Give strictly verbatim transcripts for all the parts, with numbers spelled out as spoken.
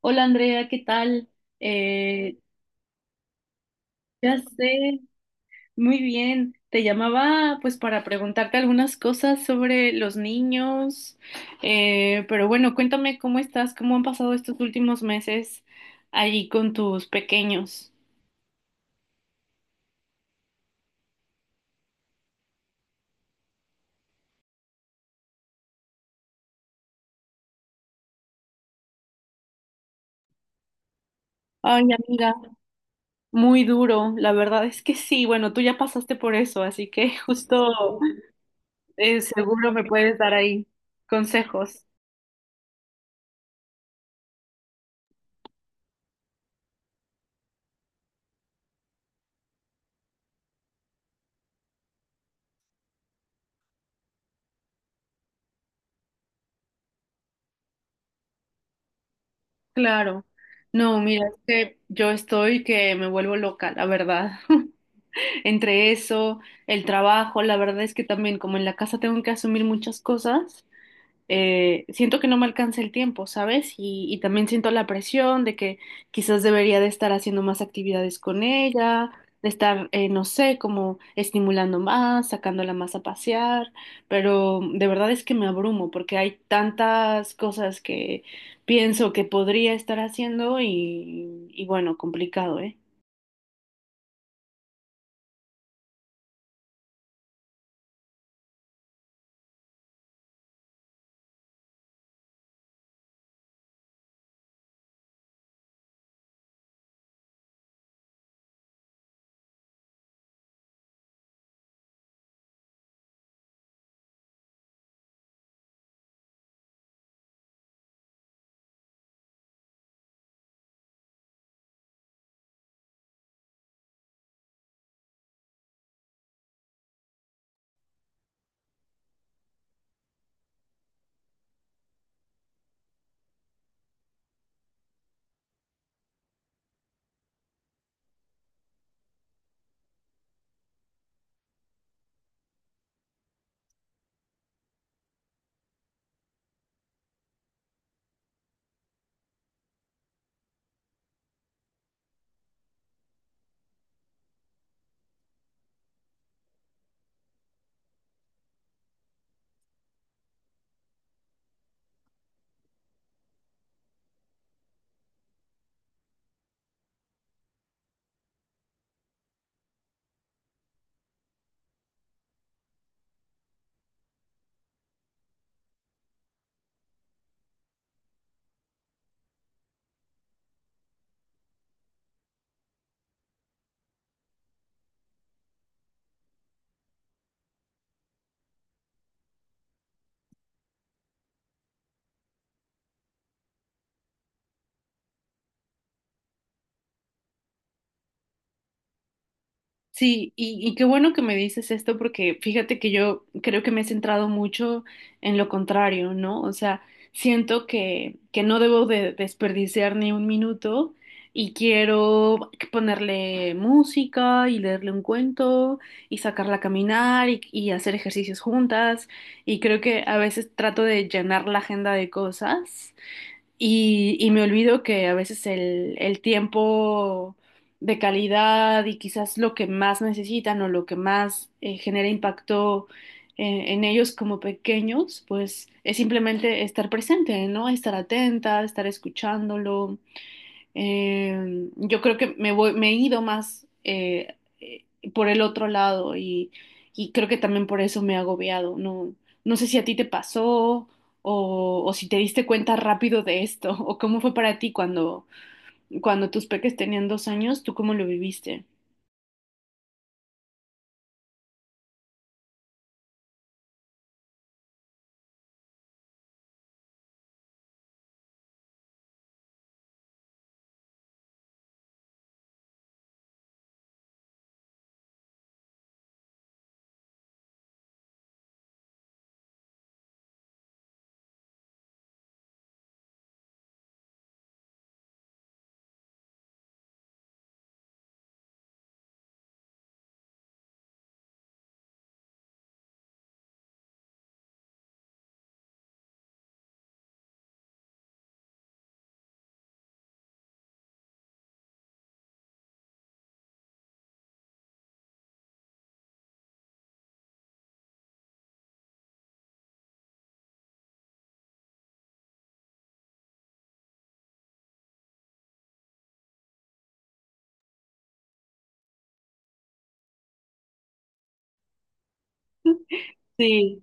Hola Andrea, ¿qué tal? Eh, ya sé, muy bien. Te llamaba pues para preguntarte algunas cosas sobre los niños. Eh, pero bueno, cuéntame cómo estás, cómo han pasado estos últimos meses allí con tus pequeños. Ay, amiga, muy duro, la verdad es que sí, bueno, tú ya pasaste por eso, así que justo, eh, seguro me puedes dar ahí consejos. Claro. No, mira, es que yo estoy que me vuelvo loca, la verdad. Entre eso, el trabajo, la verdad es que también como en la casa tengo que asumir muchas cosas. Eh, siento que no me alcanza el tiempo, ¿sabes? Y, y también siento la presión de que quizás debería de estar haciendo más actividades con ella, de estar, eh, no sé, como estimulando más, sacándola más a pasear, pero de verdad es que me abrumo porque hay tantas cosas que pienso que podría estar haciendo y, y bueno, complicado, ¿eh? Sí, y, y qué bueno que me dices esto porque fíjate que yo creo que me he centrado mucho en lo contrario, ¿no? O sea, siento que, que no debo de desperdiciar ni un minuto y quiero ponerle música y leerle un cuento y sacarla a caminar y, y hacer ejercicios juntas y creo que a veces trato de llenar la agenda de cosas y, y me olvido que a veces el, el tiempo de calidad y quizás lo que más necesitan o lo que más eh, genera impacto eh, en ellos como pequeños, pues es simplemente estar presente, ¿no? Estar atenta, estar escuchándolo. Eh, yo creo que me voy, me he ido más eh, eh, por el otro lado y, y creo que también por eso me he agobiado. No, no sé si a ti te pasó o, o si te diste cuenta rápido de esto o cómo fue para ti cuando, cuando tus peques tenían dos años, ¿tú cómo lo viviste? Sí.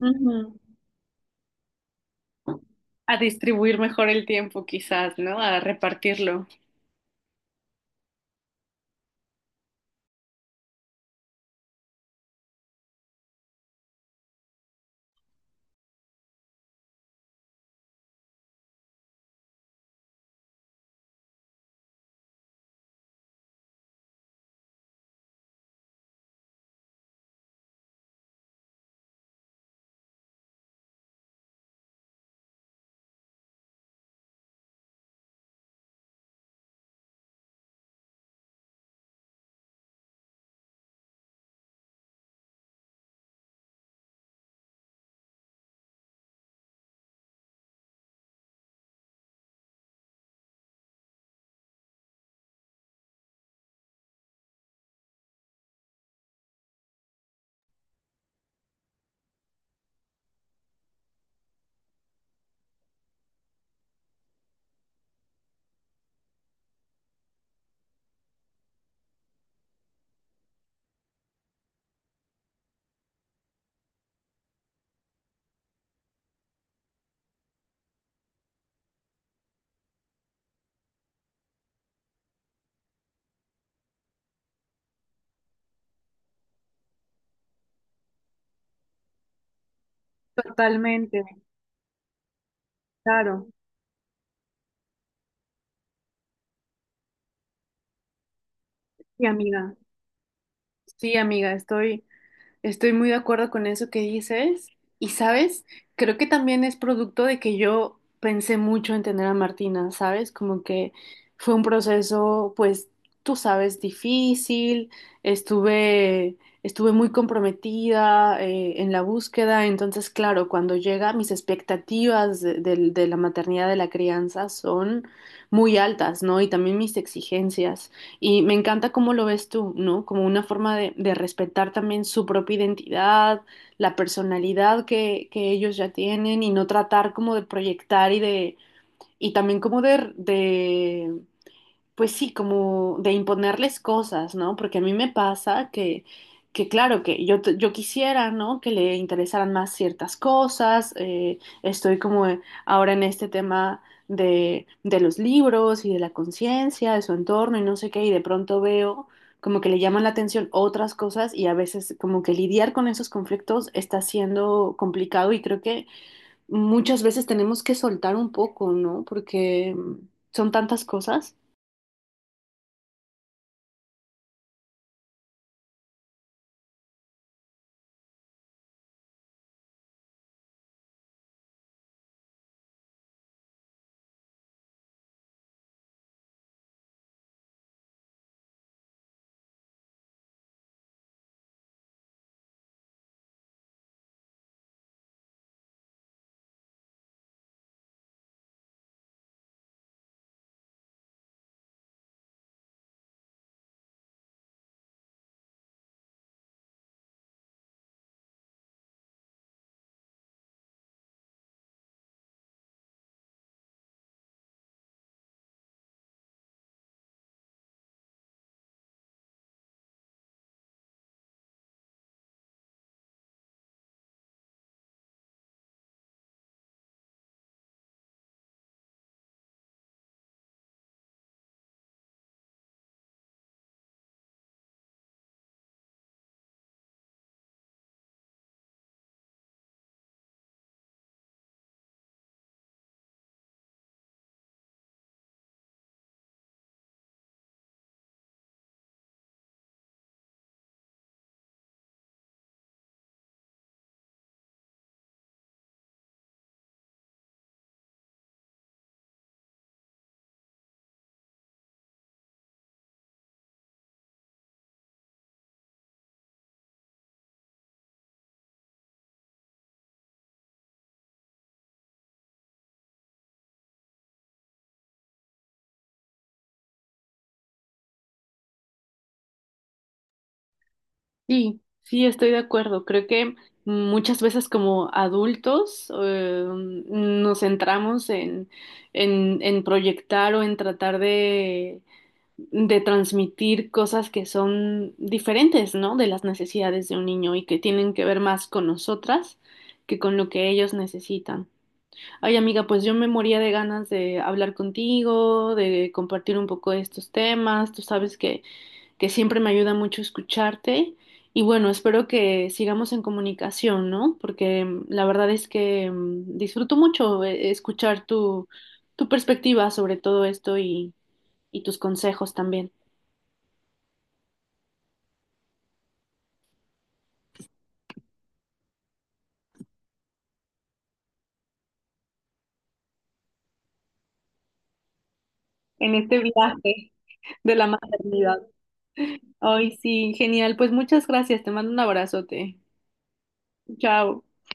Ujú. A distribuir mejor el tiempo quizás, ¿no? A repartirlo. Totalmente, claro. Sí, amiga. Sí, amiga, estoy, Estoy muy de acuerdo con eso que dices. Y sabes, creo que también es producto de que yo pensé mucho en tener a Martina, ¿sabes? Como que fue un proceso, pues, tú sabes, difícil. Estuve, estuve muy comprometida eh, en la búsqueda. Entonces, claro, cuando llega, mis expectativas de, del- de la maternidad, de la crianza, son muy altas, ¿no? Y también mis exigencias. Y me encanta cómo lo ves tú, ¿no? Como una forma de, de respetar también su propia identidad, la personalidad que, que ellos ya tienen y no tratar como de proyectar y de, y también como de, de pues sí, como de imponerles cosas, ¿no? Porque a mí me pasa que, que claro, que yo, t- yo quisiera, ¿no? Que le interesaran más ciertas cosas. Eh, estoy como eh, ahora en este tema de, de los libros y de la conciencia, de su entorno y no sé qué, y de pronto veo como que le llaman la atención otras cosas y a veces como que lidiar con esos conflictos está siendo complicado y creo que muchas veces tenemos que soltar un poco, ¿no? Porque mm, son tantas cosas. Sí, sí, estoy de acuerdo. Creo que muchas veces como adultos eh, nos centramos en, en, en proyectar o en tratar de, de transmitir cosas que son diferentes, ¿no? De las necesidades de un niño y que tienen que ver más con nosotras que con lo que ellos necesitan. Ay, amiga, pues yo me moría de ganas de hablar contigo, de compartir un poco de estos temas. Tú sabes que que siempre me ayuda mucho escucharte. Y bueno, espero que sigamos en comunicación, ¿no? Porque mm, la verdad es que mm, disfruto mucho eh, escuchar tu, tu perspectiva sobre todo esto y, y tus consejos también en este viaje de la maternidad. Ay, sí, genial. Pues muchas gracias. Te mando un abrazote. Chao.